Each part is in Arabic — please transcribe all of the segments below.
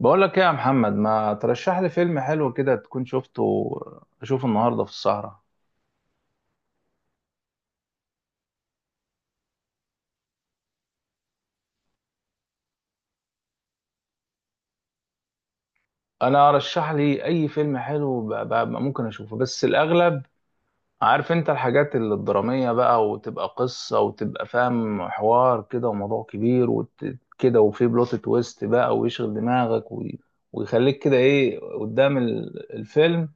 بقول لك ايه يا محمد، ما ترشح لي فيلم حلو كده تكون شفته اشوفه النهارده في السهرة. انا ارشح لي اي فيلم حلو ممكن اشوفه، بس الاغلب عارف انت الحاجات الدرامية بقى، وتبقى قصة، وتبقى فاهم حوار كده وموضوع كبير وكده، وفي بلوت تويست بقى ويشغل دماغك ويخليك كده ايه قدام الفيلم.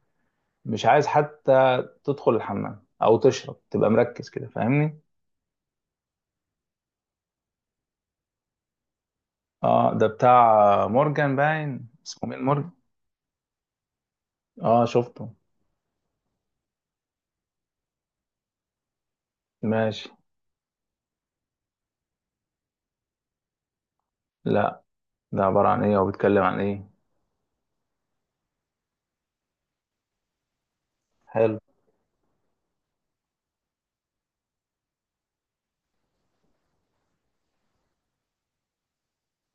مش عايز حتى تدخل الحمام او تشرب، تبقى مركز كده، فاهمني. اه ده بتاع مورجان، باين اسمه مين مورجان. اه شفته. ماشي. لا، ده عبارة عن ايه وبيتكلم عن ايه؟ حلو.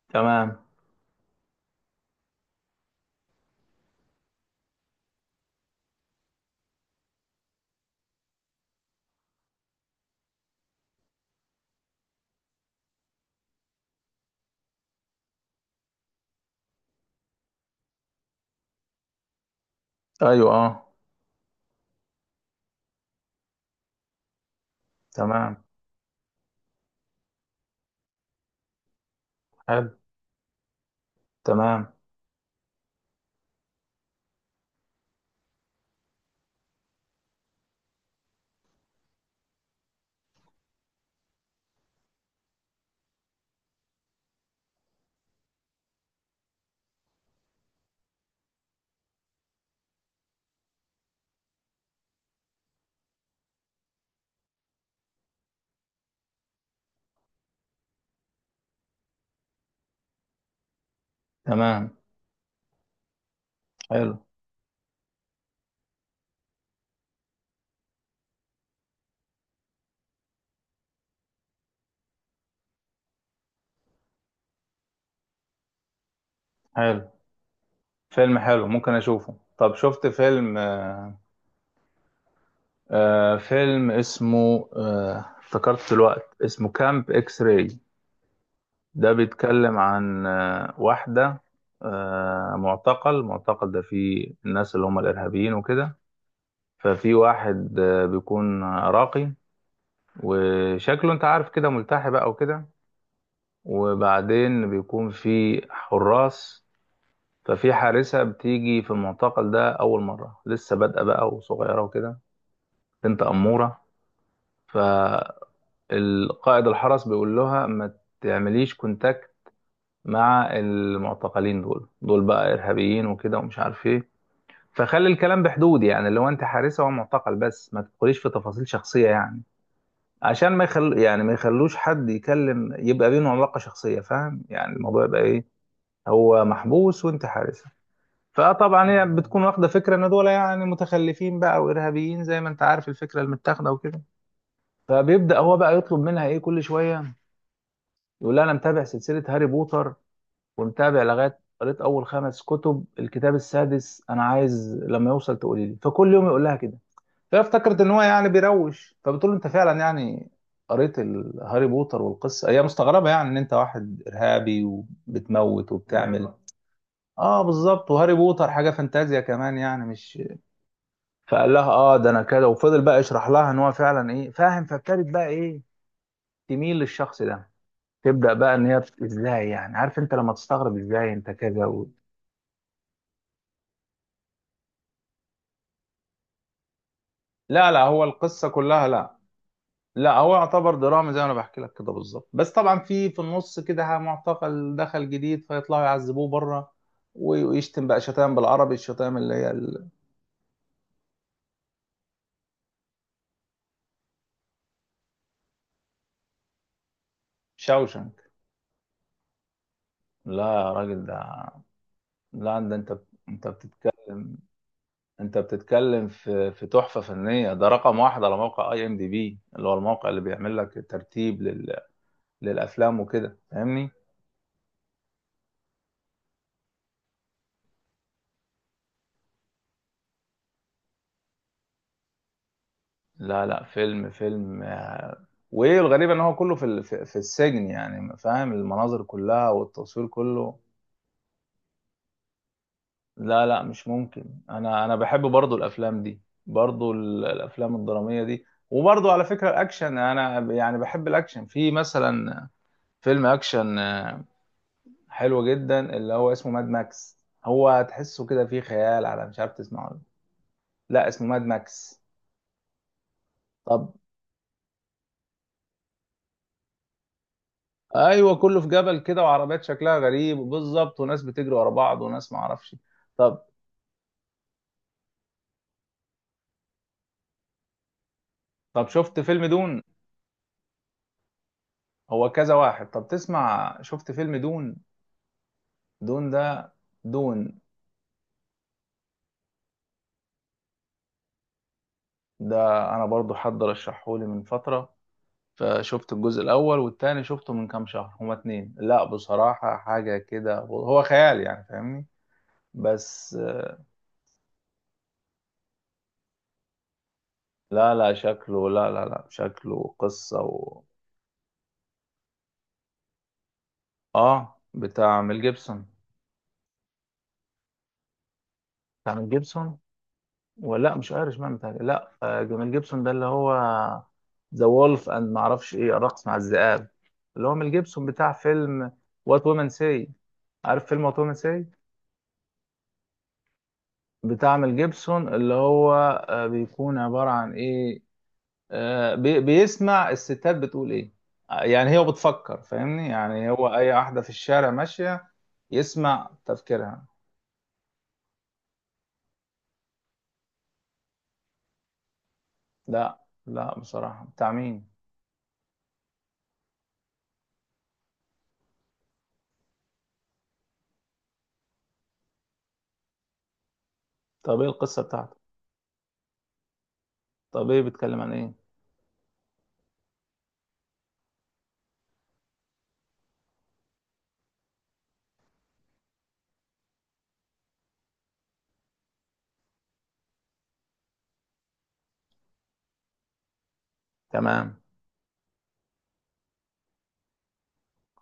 تمام. ايوه اه. تمام. حلو. تمام. تمام. حلو. حلو، فيلم حلو ممكن اشوفه. طب شفت فيلم فيلم اسمه افتكرت الوقت، اسمه كامب اكس راي. ده بيتكلم عن واحدة معتقل، معتقل ده فيه الناس اللي هم الارهابيين وكده. ففي واحد بيكون راقي، وشكله انت عارف كده ملتحي بقى وكده. وبعدين بيكون في حراس. ففي حارسة بتيجي في المعتقل ده أول مرة، لسه بادئة بقى وصغيرة وكده، بنت أمورة. فالقائد الحرس بيقول لها ما تعمليش كونتاكت مع المعتقلين، دول بقى إرهابيين وكده ومش عارف ايه. فخلي الكلام بحدود، يعني لو انت حارسة ومعتقل، بس ما تدخليش في تفاصيل شخصية يعني، عشان ما يخل يعني ما يخلوش حد يكلم، يبقى بينهم علاقة شخصية. فاهم يعني الموضوع يبقى ايه، هو محبوس وانت حارس. فطبعا هي بتكون واخدة فكرة ان دول يعني متخلفين بقى وارهابيين، زي ما انت عارف الفكرة المتاخدة وكده. فبيبدأ هو بقى يطلب منها ايه كل شوية، يقول لها انا متابع سلسلة هاري بوتر ومتابع لغاية قريت اول خمس كتب، الكتاب السادس انا عايز لما يوصل تقولي لي. فكل يوم يقول لها كده، فافتكرت ان هو يعني بيروش. فبتقول له انت فعلا يعني قريت هاري بوتر والقصه؟ هي مستغربه يعني ان انت واحد ارهابي وبتموت وبتعمل ايوه. اه بالظبط، وهاري بوتر حاجه فانتازيا كمان يعني مش. فقال لها اه ده انا كده، وفضل بقى يشرح لها ان هو فعلا ايه فاهم. فابتدت بقى ايه، تميل للشخص ده، تبدا بقى ان هي ازاي يعني، عارف انت لما تستغرب ازاي انت كذا و... لا لا، هو القصه كلها لا. لا، هو يعتبر دراما زي ما انا بحكي لك كده بالظبط. بس طبعا في النص كده معتقل دخل جديد، فيطلعوا يعذبوه بره، ويشتم بقى شتائم بالعربي، الشتائم اللي هي الشاوشنك. لا يا راجل، ده لا، ده انت، انت بتتكلم، انت بتتكلم في تحفه فنيه. ده رقم واحد على موقع اي ام دي بي، اللي هو الموقع اللي بيعمل لك الترتيب لل... للافلام وكده، فاهمني. لا لا، فيلم فيلم وايه الغريب ان هو كله في ال- في في السجن يعني، فاهم المناظر كلها والتصوير كله. لا لا، مش ممكن، انا بحب برضو الافلام دي، برضو الافلام الدرامية دي. وبرضو على فكرة الاكشن، انا يعني بحب الاكشن في مثلا فيلم اكشن حلو جدا اللي هو اسمه ماد ماكس. هو تحسه كده فيه خيال على، مش عارف تسمعه ولا. لا لا، اسمه ماد ماكس. ايوه كله في جبل كده، وعربيات شكلها غريب بالظبط، وناس بتجري ورا بعض، وناس ما اعرفش. طب، طب شفت فيلم دون؟ هو كذا واحد. طب تسمع، شفت فيلم دون؟ دون ده، دون ده انا برضو حد رشحهولي من فترة، فشفت الجزء الاول والتاني شفته من كام شهر، هما اتنين. لا بصراحة حاجة كده، هو خيال يعني فاهمني، بس. لا لا شكله، لا شكله قصة و... اه بتاع ميل جيبسون. بتاع ميل جيبسون، ولا مش ايرش مان بتاعي، لا جميل جيبسون ده اللي هو ذا وولف اند ما اعرفش ايه، الرقص مع الذئاب، اللي هو ميل جيبسون بتاع فيلم وات وومن سي. عارف فيلم وات وومن سي؟ بتاع ميل جيبسون اللي هو بيكون عبارة عن ايه، بيسمع الستات بتقول ايه، يعني هي بتفكر، فاهمني، يعني هو اي واحدة في الشارع ماشية يسمع تفكيرها. لا لا، بصراحة بتاع مين؟ طب ايه القصة بتاعته؟ طب ايه، بيتكلم عن ايه؟ تمام.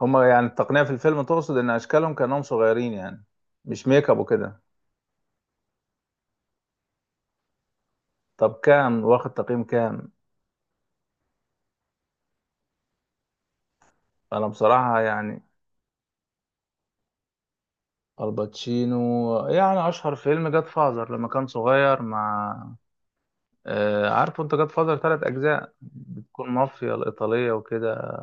هما يعني التقنية في الفيلم تقصد إن أشكالهم كأنهم صغيرين يعني؟ مش ميك اب وكده؟ طب كام واخد تقييم، كام؟ أنا بصراحة يعني. الباتشينو، يعني أشهر فيلم جاد فازر لما كان صغير مع عارفه أنت، جاد فازر تلات أجزاء، بتكون مافيا الإيطالية وكده.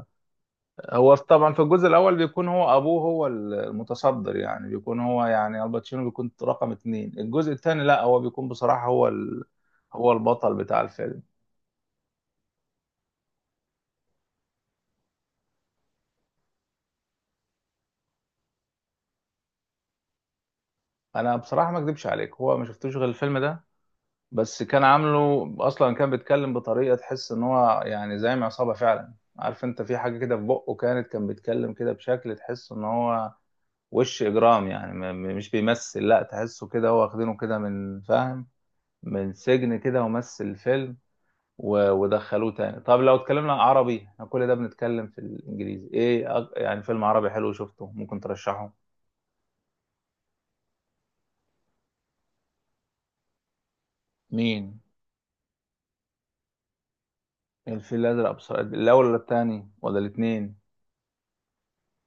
هو طبعا في الجزء الأول بيكون هو أبوه هو المتصدر، يعني بيكون هو، يعني الباتشينو بيكون رقم اتنين. الجزء التاني لأ، هو بيكون بصراحة هو ال... هو البطل بتاع الفيلم. انا بصراحه ما اكذبش عليك، هو ما شفتوش غير الفيلم ده، بس كان عامله اصلا كان بيتكلم بطريقه تحس ان هو يعني زعيم عصابه فعلا، عارف انت في حاجه كده في بقه، كانت كان بيتكلم كده بشكل تحس ان هو وش اجرام يعني، مش بيمثل لا، تحسه كده هو واخدينه كده من فاهم، من سجن كده ومثل الفيلم ودخلوه تاني. طب لو اتكلمنا عربي، احنا كل ده بنتكلم في الانجليزي، ايه يعني فيلم عربي حلو شفته ممكن ترشحه؟ مين؟ الفيل الازرق بصراحه، الاول ولا التاني ولا الاثنين؟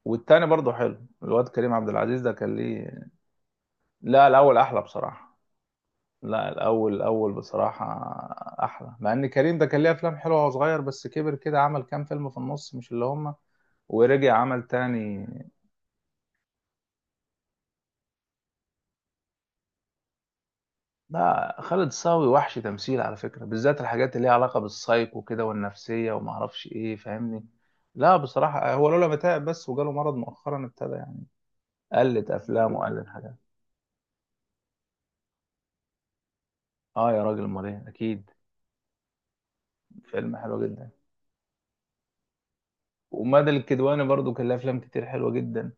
والتاني برضه حلو، الواد كريم عبد العزيز ده كان ليه. لا الاول احلى بصراحه. لا الاول، الاول بصراحه احلى. مع ان كريم ده كان ليه افلام حلوه وهو صغير، بس كبر كده عمل كام فيلم في النص مش اللي هم، ورجع عمل تاني. لا خالد صاوي وحش تمثيل على فكره، بالذات الحاجات اللي ليها علاقه بالسايكو كده والنفسيه وما اعرفش ايه، فاهمني. لا بصراحه هو لولا ما تعب بس وجاله مرض مؤخرا، ابتدى يعني قلت افلام وقلت حاجات. اه يا راجل، امال ايه، اكيد. فيلم حلو جدا. ومادة الكدواني برضو كان لها افلام كتير حلوه جدا،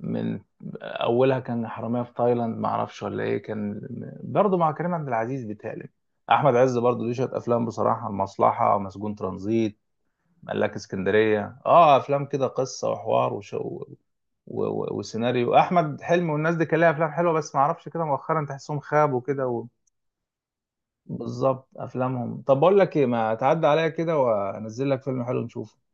من اولها كان حرامية في تايلاند ما اعرفش ولا ايه كان، برضو مع كريم عبد العزيز بيتهيألي. احمد عز برضو ليه شويه افلام بصراحه، المصلحه، مسجون ترانزيت، ملاك اسكندريه، اه افلام كده قصه وحوار وسيناريو. احمد حلمي والناس دي كان لها افلام حلوه، بس ما اعرفش كده مؤخرا تحسهم خابوا كده و... بالظبط افلامهم. طب بقول لك ايه، ما تعدي عليا كده وانزل لك فيلم حلو نشوفه.